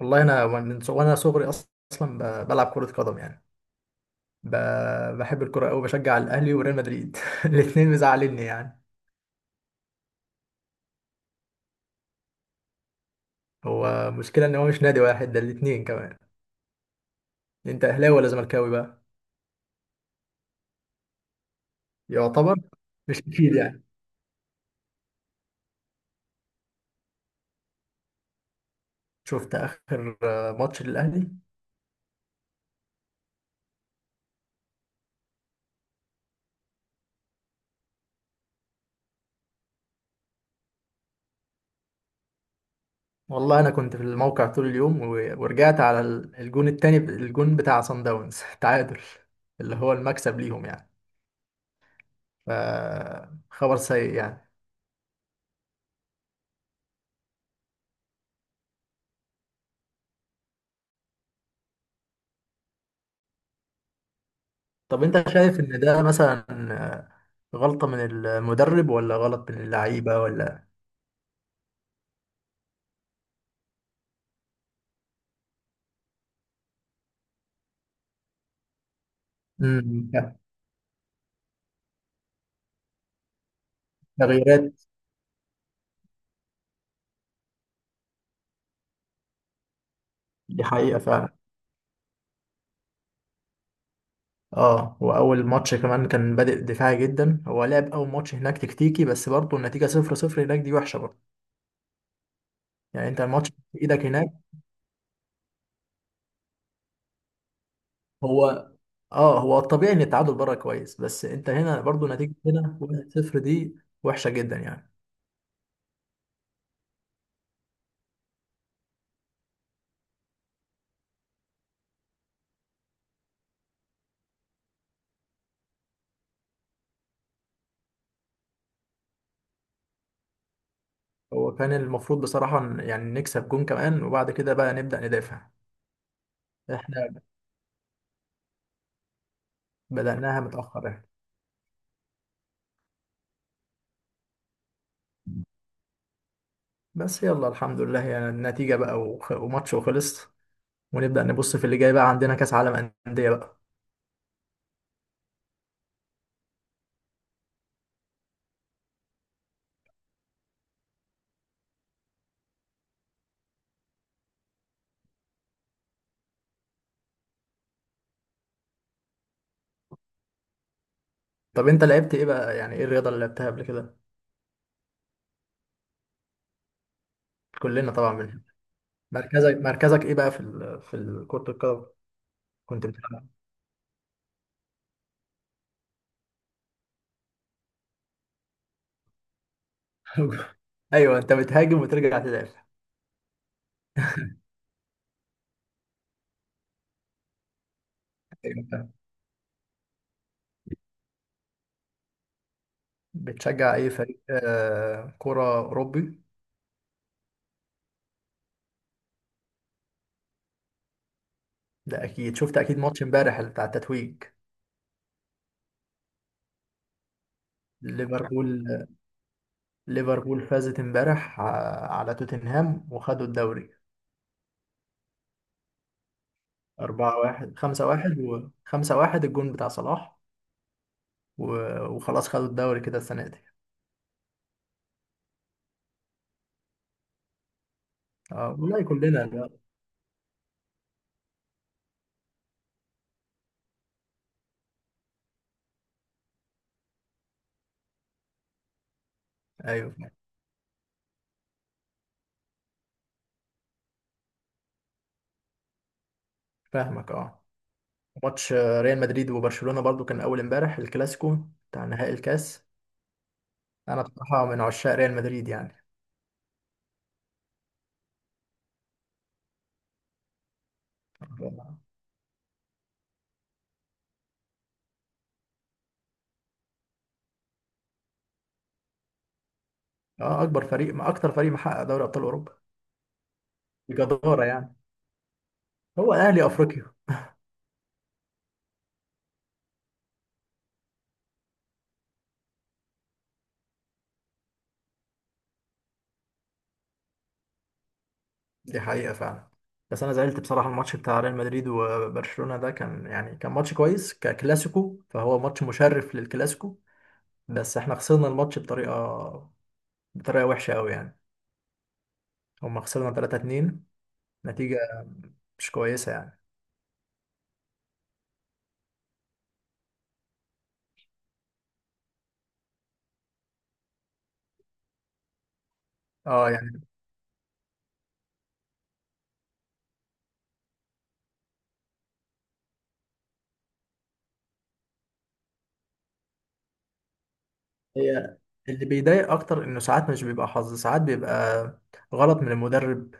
والله انا من ص- وانا صغري اصلا بلعب كرة قدم يعني. ب... بحب الكرة قوي، بشجع الاهلي وريال مدريد الاثنين مزعلني يعني. هو مشكلة ان هو مش نادي واحد، ده الاثنين كمان. انت اهلاوي ولا زملكاوي بقى؟ يعتبر، مش اكيد يعني. شفت اخر ماتش للاهلي؟ والله انا كنت في الموقع طول اليوم ورجعت على الجون التاني الجون بتاع سان داونز تعادل، اللي هو المكسب ليهم يعني، فخبر سيء يعني. طب انت شايف ان ده مثلا غلطة من المدرب ولا غلط من اللعيبة ولا؟ امم تغييرات. دي حقيقة فعلا. اه، واول ماتش كمان كان بادئ دفاعي جدا، هو لعب اول ماتش هناك تكتيكي بس برضه النتيجة 0-0 هناك دي وحشة برضه يعني. انت الماتش في ايدك هناك. هو، اه هو الطبيعي ان التعادل بره كويس، بس انت هنا برضه نتيجة هنا 1-0 دي وحشة جدا يعني. هو كان المفروض بصراحة يعني نكسب جون كمان وبعد كده بقى نبدأ ندافع. احنا بدأناها متأخر يعني. بس يلا الحمد لله يعني النتيجة بقى، وماتش وخلص، ونبدأ نبص في اللي جاي. بقى عندنا كأس عالم أندية بقى. طب أنت لعبت إيه بقى؟ يعني إيه الرياضة اللي لعبتها قبل كده؟ كلنا طبعا منها. مركزك إيه بقى في في كرة القدم؟ كنت بتلعب؟ أيوه، أنت بتهاجم وترجع تدافع. أيوة فاهم. بتشجع أي فريق كرة أوروبي؟ ده أكيد شفت أكيد ماتش إمبارح بتاع التتويج. ليفربول ليفربول فازت إمبارح على توتنهام وخدوا الدوري. أربعة واحد، خمسة واحد، وخمسة واحد الجون بتاع صلاح. و... وخلاص خدوا الدوري كده السنة دي. اه والله كلنا، لا. أيوه، فاهمك اه. ماتش ريال مدريد وبرشلونة برضو كان أول امبارح الكلاسيكو بتاع نهائي الكاس. أنا بصراحة من عشاق ريال مدريد يعني. اه، أكبر فريق، ما أكتر فريق محقق دوري أبطال أوروبا بجدارة يعني. هو الأهلي أفريقيا. دي حقيقة فعلا. بس أنا زعلت بصراحة، الماتش بتاع ريال مدريد وبرشلونة ده كان يعني كان ماتش كويس ككلاسيكو، فهو ماتش مشرف للكلاسيكو، بس احنا خسرنا الماتش بطريقة، بطريقة وحشة قوي يعني. هما خسرنا 3-2، نتيجة مش كويسة يعني. اه يعني. هي اللي بيضايق اكتر انه ساعات مش بيبقى حظ، ساعات بيبقى غلط من المدرب،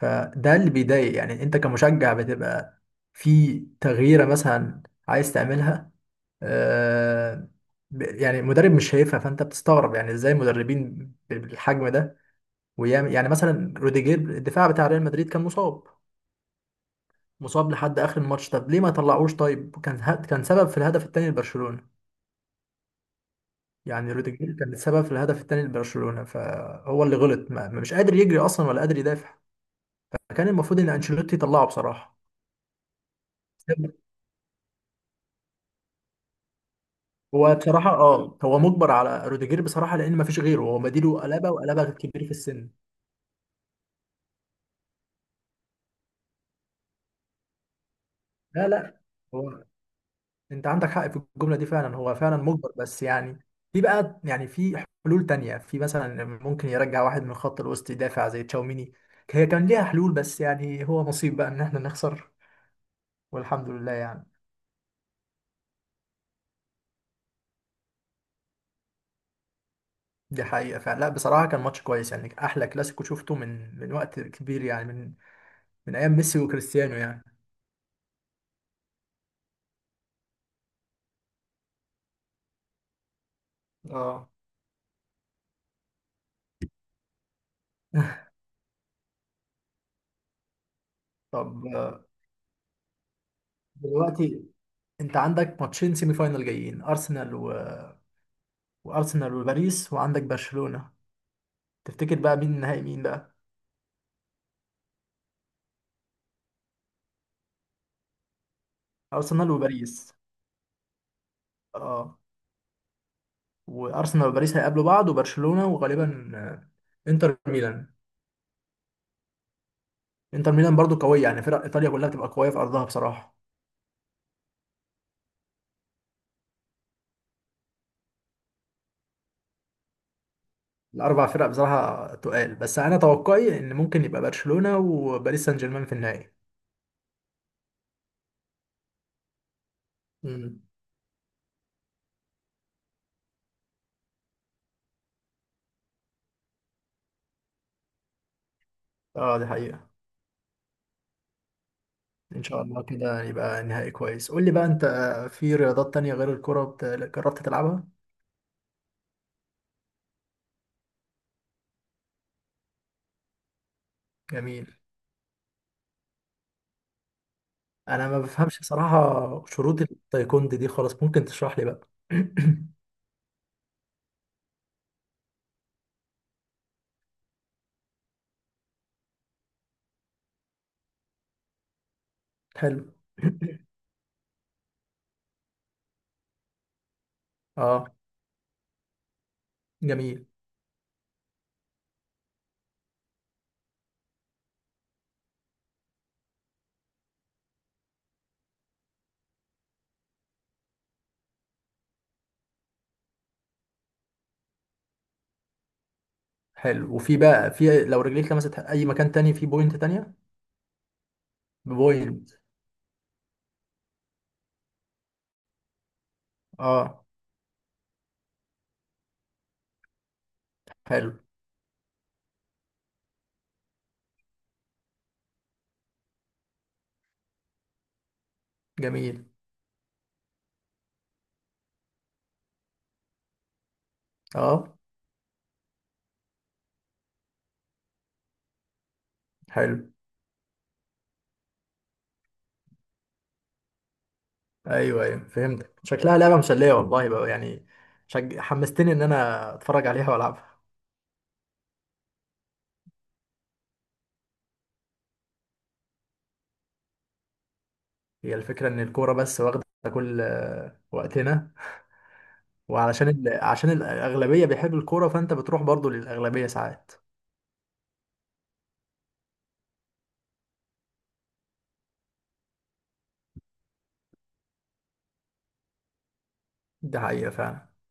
فده اللي بيضايق يعني. انت كمشجع بتبقى في تغييرة مثلا عايز تعملها، آه يعني مدرب مش شايفها، فانت بتستغرب يعني ازاي مدربين بالحجم ده ويعمل يعني. مثلا روديجير الدفاع بتاع ريال مدريد كان مصاب، مصاب لحد اخر الماتش، طب ليه ما طلعوش؟ طيب كان كان سبب في الهدف الثاني لبرشلونة. يعني روديجير كان السبب في الهدف الثاني لبرشلونة، فهو اللي غلط، ما مش قادر يجري اصلا ولا قادر يدافع. كان المفروض ان انشيلوتي يطلعه بصراحة. هو بصراحة اه هو مجبر على روديجير بصراحة، لان ما فيش غيره، هو بديله قلابة، وقلابة كبير في السن. لا لا. هو انت عندك حق في الجمله دي فعلا، هو فعلا مجبر بس يعني في بقى يعني في حلول تانية، في مثلا ممكن يرجع واحد من خط الوسط يدافع زي تشاوميني. هي كان ليها حلول، بس يعني هو نصيب بقى ان احنا نخسر، والحمد لله يعني. دي حقيقه فعلا، لا بصراحه كان ماتش كويس يعني، احلى كلاسيكو شفته من وقت كبير يعني، من من ايام ميسي وكريستيانو يعني. اه طب دلوقتي انت عندك ماتشين سيمي فاينال جايين، ارسنال وارسنال وباريس، وعندك برشلونه. تفتكر بقى مين النهائي مين بقى؟ ارسنال وباريس. اه، وارسنال وباريس هيقابلوا بعض، وبرشلونة وغالبا انتر ميلان. انتر ميلان برضو قوية يعني، فرق ايطاليا كلها بتبقى قوية في ارضها بصراحة. الاربع فرق بصراحة تقال، بس انا توقعي ان ممكن يبقى برشلونة وباريس سان جيرمان في النهائي. امم اه، دي حقيقة. ان شاء الله كده يبقى نهائي كويس. قول لي بقى انت في رياضات تانية غير الكرة جربت تلعبها؟ جميل. انا ما بفهمش بصراحة شروط التايكوندي دي خالص، ممكن تشرح لي بقى؟ حلو. اه جميل. حلو، وفي بقى، في لو رجليك لمست اي مكان تاني في بوينت تانية؟ بوينت. اه حلو. جميل. اه حلو. ايوه ايوه فهمت، شكلها لعبه مسليه والله بقى يعني. حمستني ان انا اتفرج عليها والعبها. هي الفكره ان الكوره بس واخده كل وقتنا، وعلشان عشان الاغلبيه بيحبوا الكوره، فانت بتروح برضو للاغلبيه ساعات. ده حقيقه فعلا.